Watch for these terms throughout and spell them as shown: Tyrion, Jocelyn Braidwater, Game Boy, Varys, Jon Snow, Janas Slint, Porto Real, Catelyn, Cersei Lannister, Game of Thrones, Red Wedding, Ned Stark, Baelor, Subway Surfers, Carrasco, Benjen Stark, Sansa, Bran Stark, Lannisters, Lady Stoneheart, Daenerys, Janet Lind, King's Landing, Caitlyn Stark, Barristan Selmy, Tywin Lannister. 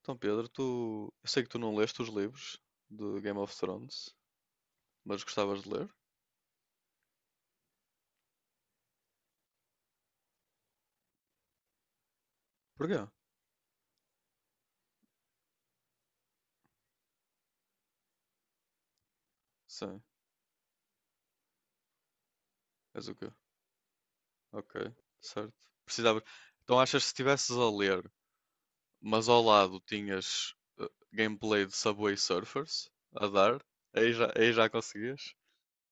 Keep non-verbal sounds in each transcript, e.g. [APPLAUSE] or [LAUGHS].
Então, Pedro, tu. Eu sei que tu não leste os livros de Game of Thrones, mas gostavas de ler? Porquê? Sim. És o quê? Ok, certo. Precisava. Então, achas que se estivesses a ler, mas ao lado tinhas gameplay de Subway Surfers a dar, aí já conseguias?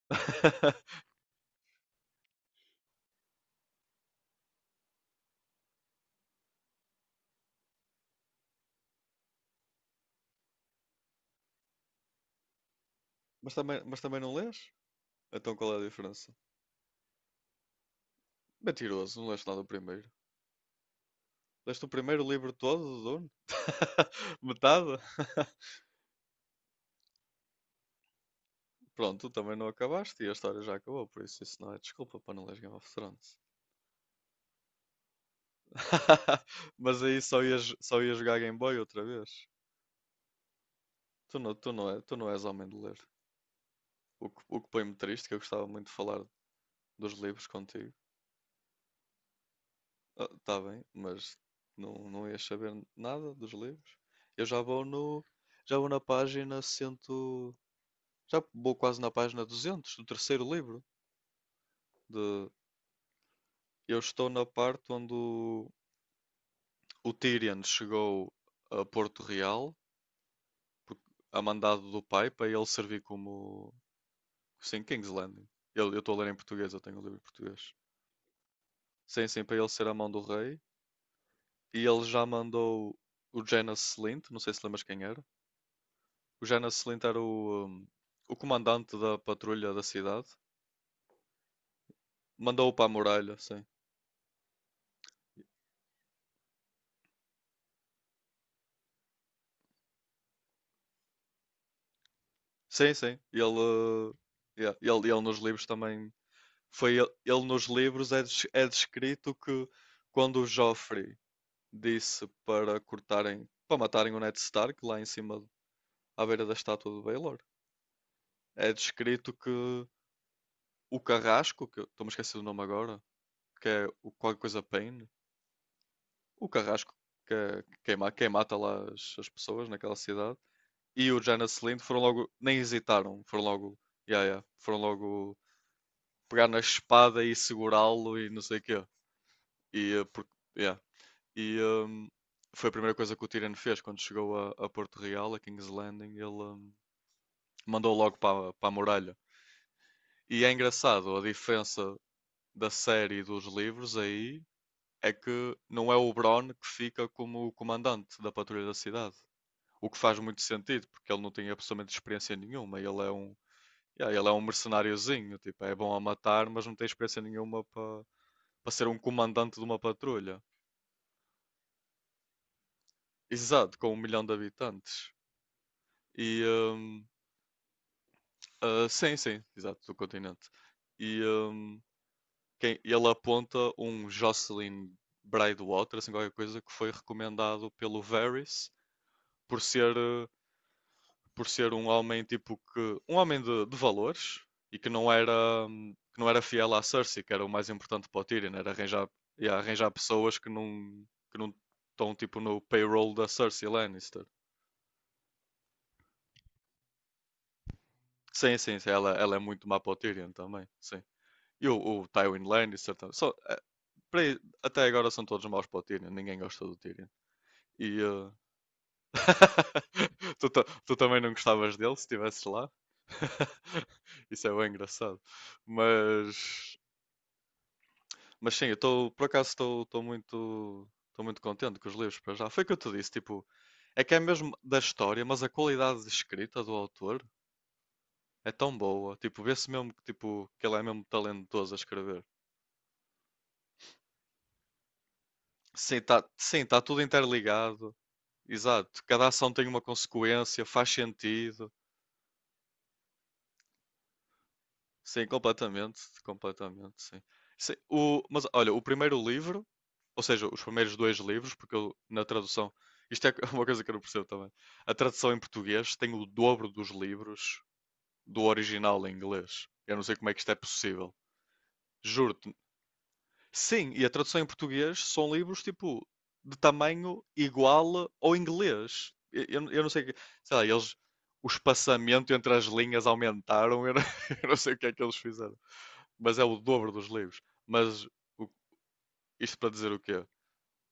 [LAUGHS] Mas também não lês? Então qual é a diferença? Mentiroso, não leste nada do primeiro. Leste o primeiro livro todo do Dune? [LAUGHS] Metade? Pronto, tu também não acabaste e a história já acabou, por isso não é desculpa para não ler Game of Thrones. [LAUGHS] Mas aí só ias jogar Game Boy outra vez. Tu não és homem de ler. O que põe-me triste, que eu gostava muito de falar dos livros contigo. Está bem, mas não ias saber nada dos livros. Eu já vou no, já vou na página 100, já vou quase na página 200 do terceiro livro. De, eu estou na parte onde o Tyrion chegou a Porto Real por- a mandado do pai para ele servir como. Sim, King's Landing. Eu estou a ler em português, eu tenho o livro em português. Sim, sim, para ele ser a mão do rei. E ele já mandou o Janas Slint, não sei se lembras quem era. O Janas Slint era o comandante da patrulha da cidade. Mandou-o para a muralha, sim. Sim, sim. Yeah, ele nos livros também. Foi ele, nos livros é descrito que quando o Joffrey disse para cortarem, para matarem o Ned Stark lá em cima, à beira da estátua do Baelor. É descrito que o Carrasco, que eu estou-me a esquecer do nome agora, que é o qualquer coisa Pain, o Carrasco, que é quem mata lá as pessoas naquela cidade, e o Janet Lind foram logo, nem hesitaram, foram logo, yeah, yeah, foram logo pegar na espada e segurá-lo e não sei o quê. E, eh, yeah. E, hum, Foi a primeira coisa que o Tyrion fez quando chegou a Porto Real, a King's Landing. Ele, mandou logo para a muralha. E é engraçado, a diferença da série e dos livros aí é que não é o Bron que fica como o comandante da patrulha da cidade. O que faz muito sentido, porque ele não tem absolutamente experiência nenhuma. Yeah, ele é um mercenáriozinho, tipo, é bom a matar, mas não tem experiência nenhuma para ser um comandante de uma patrulha. Exato, com um milhão de habitantes. E hum, ah, sim, sim, exato, do continente. E hum, Ele aponta um Jocelyn Braidwater, assim qualquer coisa, que foi recomendado pelo Varys por ser, eh, por ser um homem tipo que. Um homem de valores e que não era fiel à Cersei, que era o mais importante para o Tyrion, era arranjar, ia arranjar pessoas que não estão tipo no payroll da Cersei Lannister. Sim, sim, sim, ela é muito má para o Tyrion também, sim. E o Tywin Lannister também. Só, até agora são todos maus para o Tyrion, ninguém gosta do Tyrion. E [LAUGHS] tu também não gostavas dele se estivesses lá? [LAUGHS] Isso é bem engraçado. Mas, mas sim, eu estou, por acaso, estou muito contente com os livros para já. Foi o que eu te disse, tipo, é que é mesmo da história, mas a qualidade de escrita do autor é tão boa. Tipo, vê-se mesmo que, tipo, que ele é mesmo talentoso a escrever. Sim, está sim, tá tudo interligado. Exato. Cada ação tem uma consequência, faz sentido. Sim, completamente, completamente, sim. Sim, mas olha, o primeiro livro, ou seja, os primeiros dois livros, porque eu, na tradução, isto é [LAUGHS] uma coisa que eu não percebo também. A tradução em português tem o dobro dos livros do original em inglês. Eu não sei como é que isto é possível. Juro-te. Sim, e a tradução em português são livros tipo de tamanho igual ao inglês. Eu não sei, sei lá, eles o espaçamento entre as linhas aumentaram, eu não, [LAUGHS] eu não sei o que é que eles fizeram mas é o dobro dos livros. Mas o- isto para dizer o quê?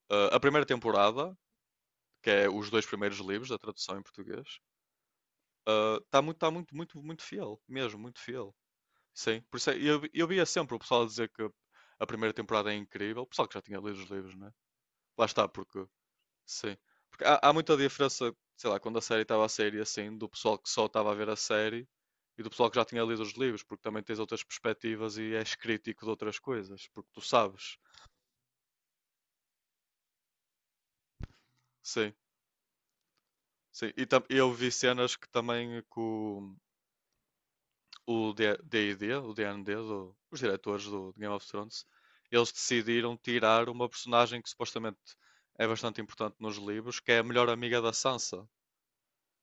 Ah, a primeira temporada, que é os dois primeiros livros da tradução em português, está muito, muito, muito fiel, mesmo, muito fiel. Sim, por isso eu via sempre o pessoal dizer que a primeira temporada é incrível, o pessoal que já tinha lido os livros, né? Lá está, porque, sim. Porque há, há muita diferença, sei lá, quando a série estava a sair e assim, do pessoal que só estava a ver a série e do pessoal que já tinha lido os livros, porque também tens outras perspectivas e és crítico de outras coisas, porque tu sabes. Sim. Sim, e eu vi cenas que também que o D&D, o D and D os diretores do Game of Thrones, eles decidiram tirar uma personagem que supostamente é bastante importante nos livros, que é a melhor amiga da Sansa,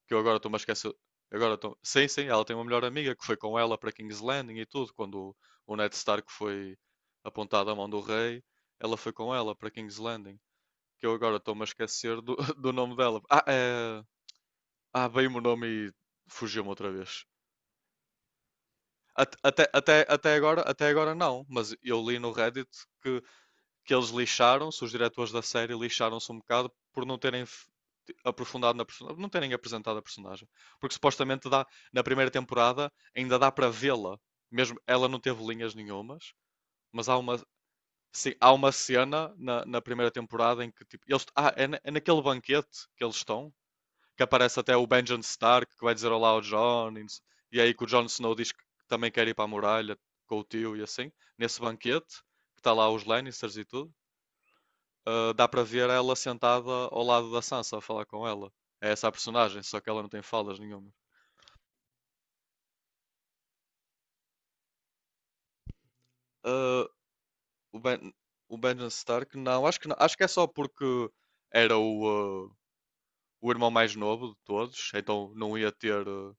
que eu agora estou-me a esquecer... Agora estou... Sim, sim, ela tem uma melhor amiga que foi com ela para King's Landing e tudo, quando o Ned Stark foi apontado à mão do rei, ela foi com ela para King's Landing, que eu agora estou-me a esquecer do, [LAUGHS] do nome dela. Ah, é... Ah, veio-me o nome e fugiu-me outra vez. Até agora, até agora não, mas eu li no Reddit que, que eles lixaram-se, os diretores da série lixaram-se um bocado por não terem aprofundado na personagem, não terem apresentado a personagem. Porque supostamente dá, na primeira temporada ainda dá para vê-la, mesmo ela não teve linhas nenhumas, mas há uma, sim, há uma cena na primeira temporada em que tipo, eles, ah, é naquele banquete que eles estão que aparece até o Benjen Stark, que vai dizer olá ao John, e, aí que o Jon Snow diz que também quer ir para a muralha com o tio e assim, nesse banquete, que está lá os Lannisters e tudo, ah, dá para ver ela sentada ao lado da Sansa a falar com ela. É essa a personagem, só que ela não tem falas nenhuma. Ah, o, o Benjen Stark, não, acho que não, acho que é só porque era o irmão mais novo de todos, então não ia ter.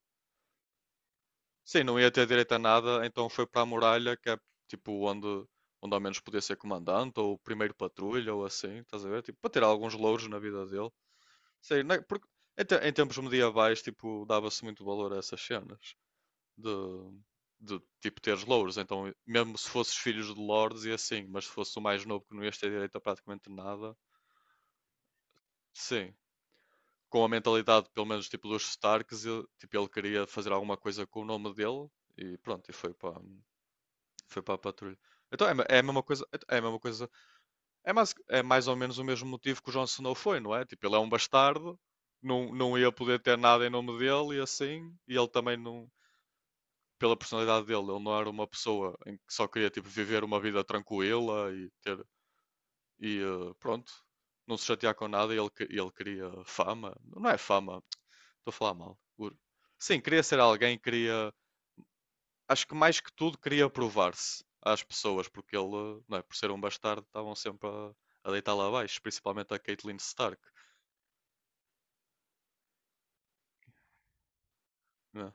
Sim, não ia ter direito a nada, então foi para a muralha, que é tipo onde, onde ao menos podia ser comandante ou primeiro patrulha ou assim, estás a ver? Tipo, para ter alguns louros na vida dele. Sei, né, porque em tempos medievais, tipo, dava-se muito valor a essas cenas de, de tipo teres louros. Então, mesmo se fosses filhos de lords e assim, mas se fosse o mais novo que não ias ter direito a praticamente nada, sim. Com a mentalidade, pelo menos, tipo, dos Starks, ele, tipo, ele queria fazer alguma coisa com o nome dele e pronto, e foi para Foi para a patrulha. Então é a mesma coisa, é a mesma coisa. É mais ou menos o mesmo motivo que o Jon Snow foi, não é? Tipo, ele é um bastardo, não, não ia poder ter nada em nome dele e assim, e ele também não, pela personalidade dele, ele não era uma pessoa em que só queria tipo viver uma vida tranquila e ter e pronto, não se chatear com nada, e ele queria fama. Não é fama, estou a falar mal. Sim, queria ser alguém, queria acho que mais que tudo queria provar-se às pessoas, porque ele, não é, por ser um bastardo, estavam sempre a deitar lá abaixo, principalmente a Caitlyn Stark. Né?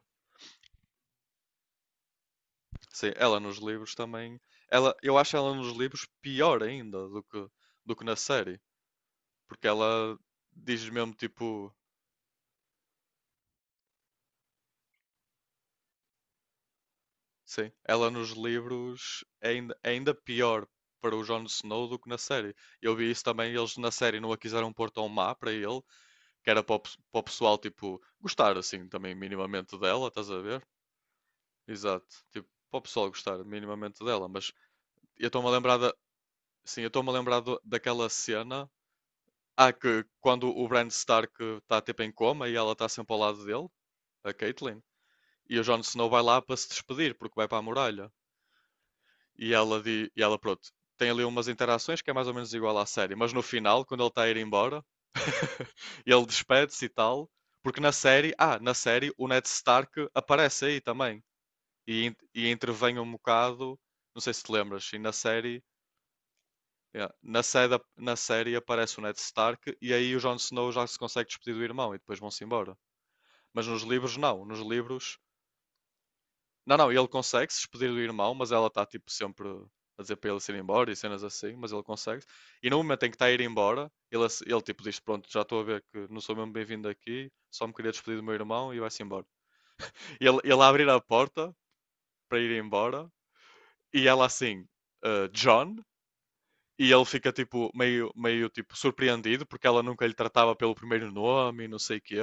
Sim, ela nos livros também. Eu acho ela nos livros pior ainda do que, na série, porque ela diz mesmo tipo: Sim, ela nos livros é ainda pior para o Jon Snow do que na série. Eu vi isso também, eles na série não a quiseram pôr tão má para ele, que era para o, para o pessoal, tipo, gostar assim também minimamente dela, estás a ver? Exato, tipo, para o pessoal gostar minimamente dela, mas eu estou-me a lembrar sim, eu estou-me a lembrar daquela cena, ah, que quando o Bran Stark está tipo em coma e ela está sempre ao lado dele, a Catelyn, e o Jon Snow vai lá para se despedir porque vai para a muralha. E ela, e ela, pronto, tem ali umas interações que é mais ou menos igual à série, mas no final, quando ele está a ir embora, [LAUGHS] ele despede-se e tal, porque na série, na série o Ned Stark aparece aí também e, e intervém um bocado, não sei se te lembras, e na série, yeah, na série aparece o Ned Stark e aí o Jon Snow já se consegue despedir do irmão e depois vão-se embora. Mas nos livros não, nos livros não, não, ele consegue se despedir do irmão, mas ela está tipo sempre a dizer para ele se ir embora e cenas assim, mas ele consegue. E no momento em que está a ir embora, ele, ele tipo diz: pronto, já estou a ver que não sou mesmo bem-vindo aqui, só me queria despedir do meu irmão e vai-se embora. Ele abrir a porta para ir embora e ela assim, "Ah, John." E ele fica tipo meio, meio tipo surpreendido porque ela nunca lhe tratava pelo primeiro nome e não sei o quê,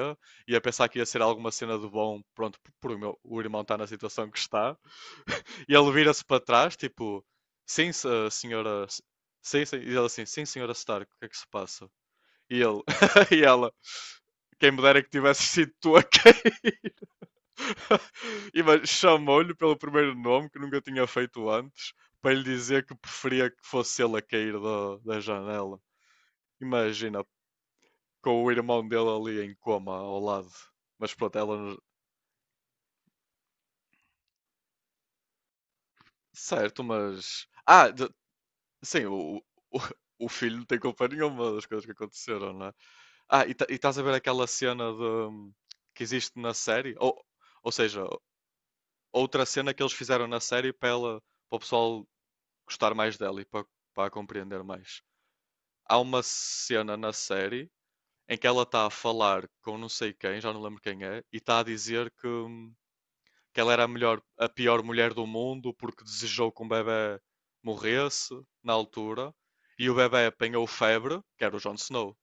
e a pensar que ia ser alguma cena de bom, pronto, por o o irmão estar na situação que está. E ele vira-se para trás, tipo, sim, a senhora. Sim, sim. E ela assim, sim, senhora Stark, o que é que se passa? E ele, [LAUGHS] e ela, quem me dera que tivesse sido tu a cair. [LAUGHS] E mas chamou-lhe pelo primeiro nome que nunca tinha feito antes, para lhe dizer que preferia que fosse ele a cair da, da janela. Imagina, com o irmão dele ali em coma ao lado. Mas pronto, ela... não. Certo, mas... Sim, o, o [LAUGHS] filho não tem culpa nenhuma das coisas que aconteceram, não é? E, e estás a ver aquela cena de, que existe na série? Ou seja, outra cena que eles fizeram na série para ela, para o pessoal gostar mais dela e para, para a compreender mais. Há uma cena na série em que ela está a falar com não sei quem, já não lembro quem é, e está a dizer que ela era a melhor, a pior mulher do mundo porque desejou que um bebê morresse na altura e o bebê apanhou febre, que era o Jon Snow.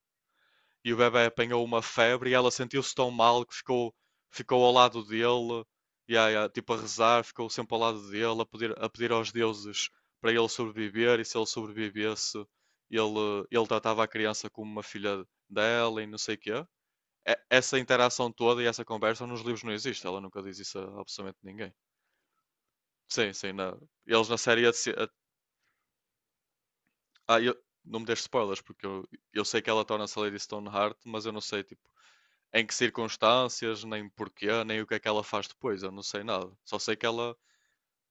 E o bebê apanhou uma febre e ela sentiu-se tão mal que ficou, ficou ao lado dele, e yeah, tipo a rezar, ficou sempre ao lado dele, a pedir aos deuses para ele sobreviver e se ele sobrevivesse, ele tratava a criança como uma filha dela e não sei o quê. Essa interação toda e essa conversa nos livros não existe, ela nunca diz isso a absolutamente ninguém. Sim, sim. Na... Eles na série, a se- a- ah, eu... Não me deixes spoilers, porque eu sei que ela torna-se a Lady Stoneheart, mas eu não sei tipo, em que circunstâncias, nem porquê, nem o que é que ela faz depois. Eu não sei nada. Só sei que ela,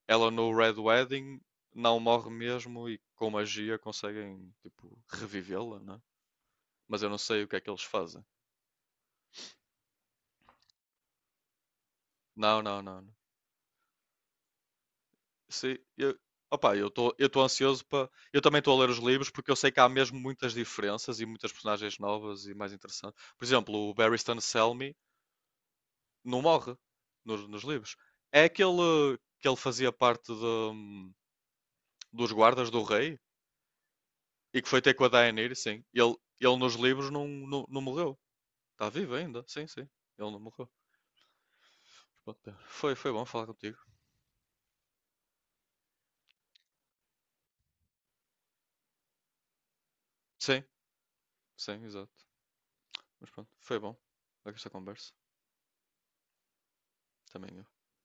ela no Red Wedding não morre mesmo e com magia conseguem tipo revivê-la, né? Mas eu não sei o que é que eles fazem. Não, não, não. Sim, eu, opa, eu estou ansioso para... Eu também estou a ler os livros porque eu sei que há mesmo muitas diferenças e muitas personagens novas e mais interessantes. Por exemplo, o Barristan Selmy não morre nos livros. É aquele que ele fazia parte de, dos guardas do rei e que foi ter com a Daenerys, sim. Ele nos livros não, não, não morreu. Está vivo ainda, sim, sim. Ele não morreu. Mas pronto, é... foi, foi bom falar contigo. Sim, sim, exato. Mas pronto, foi bom. Esta conversa também. Eu...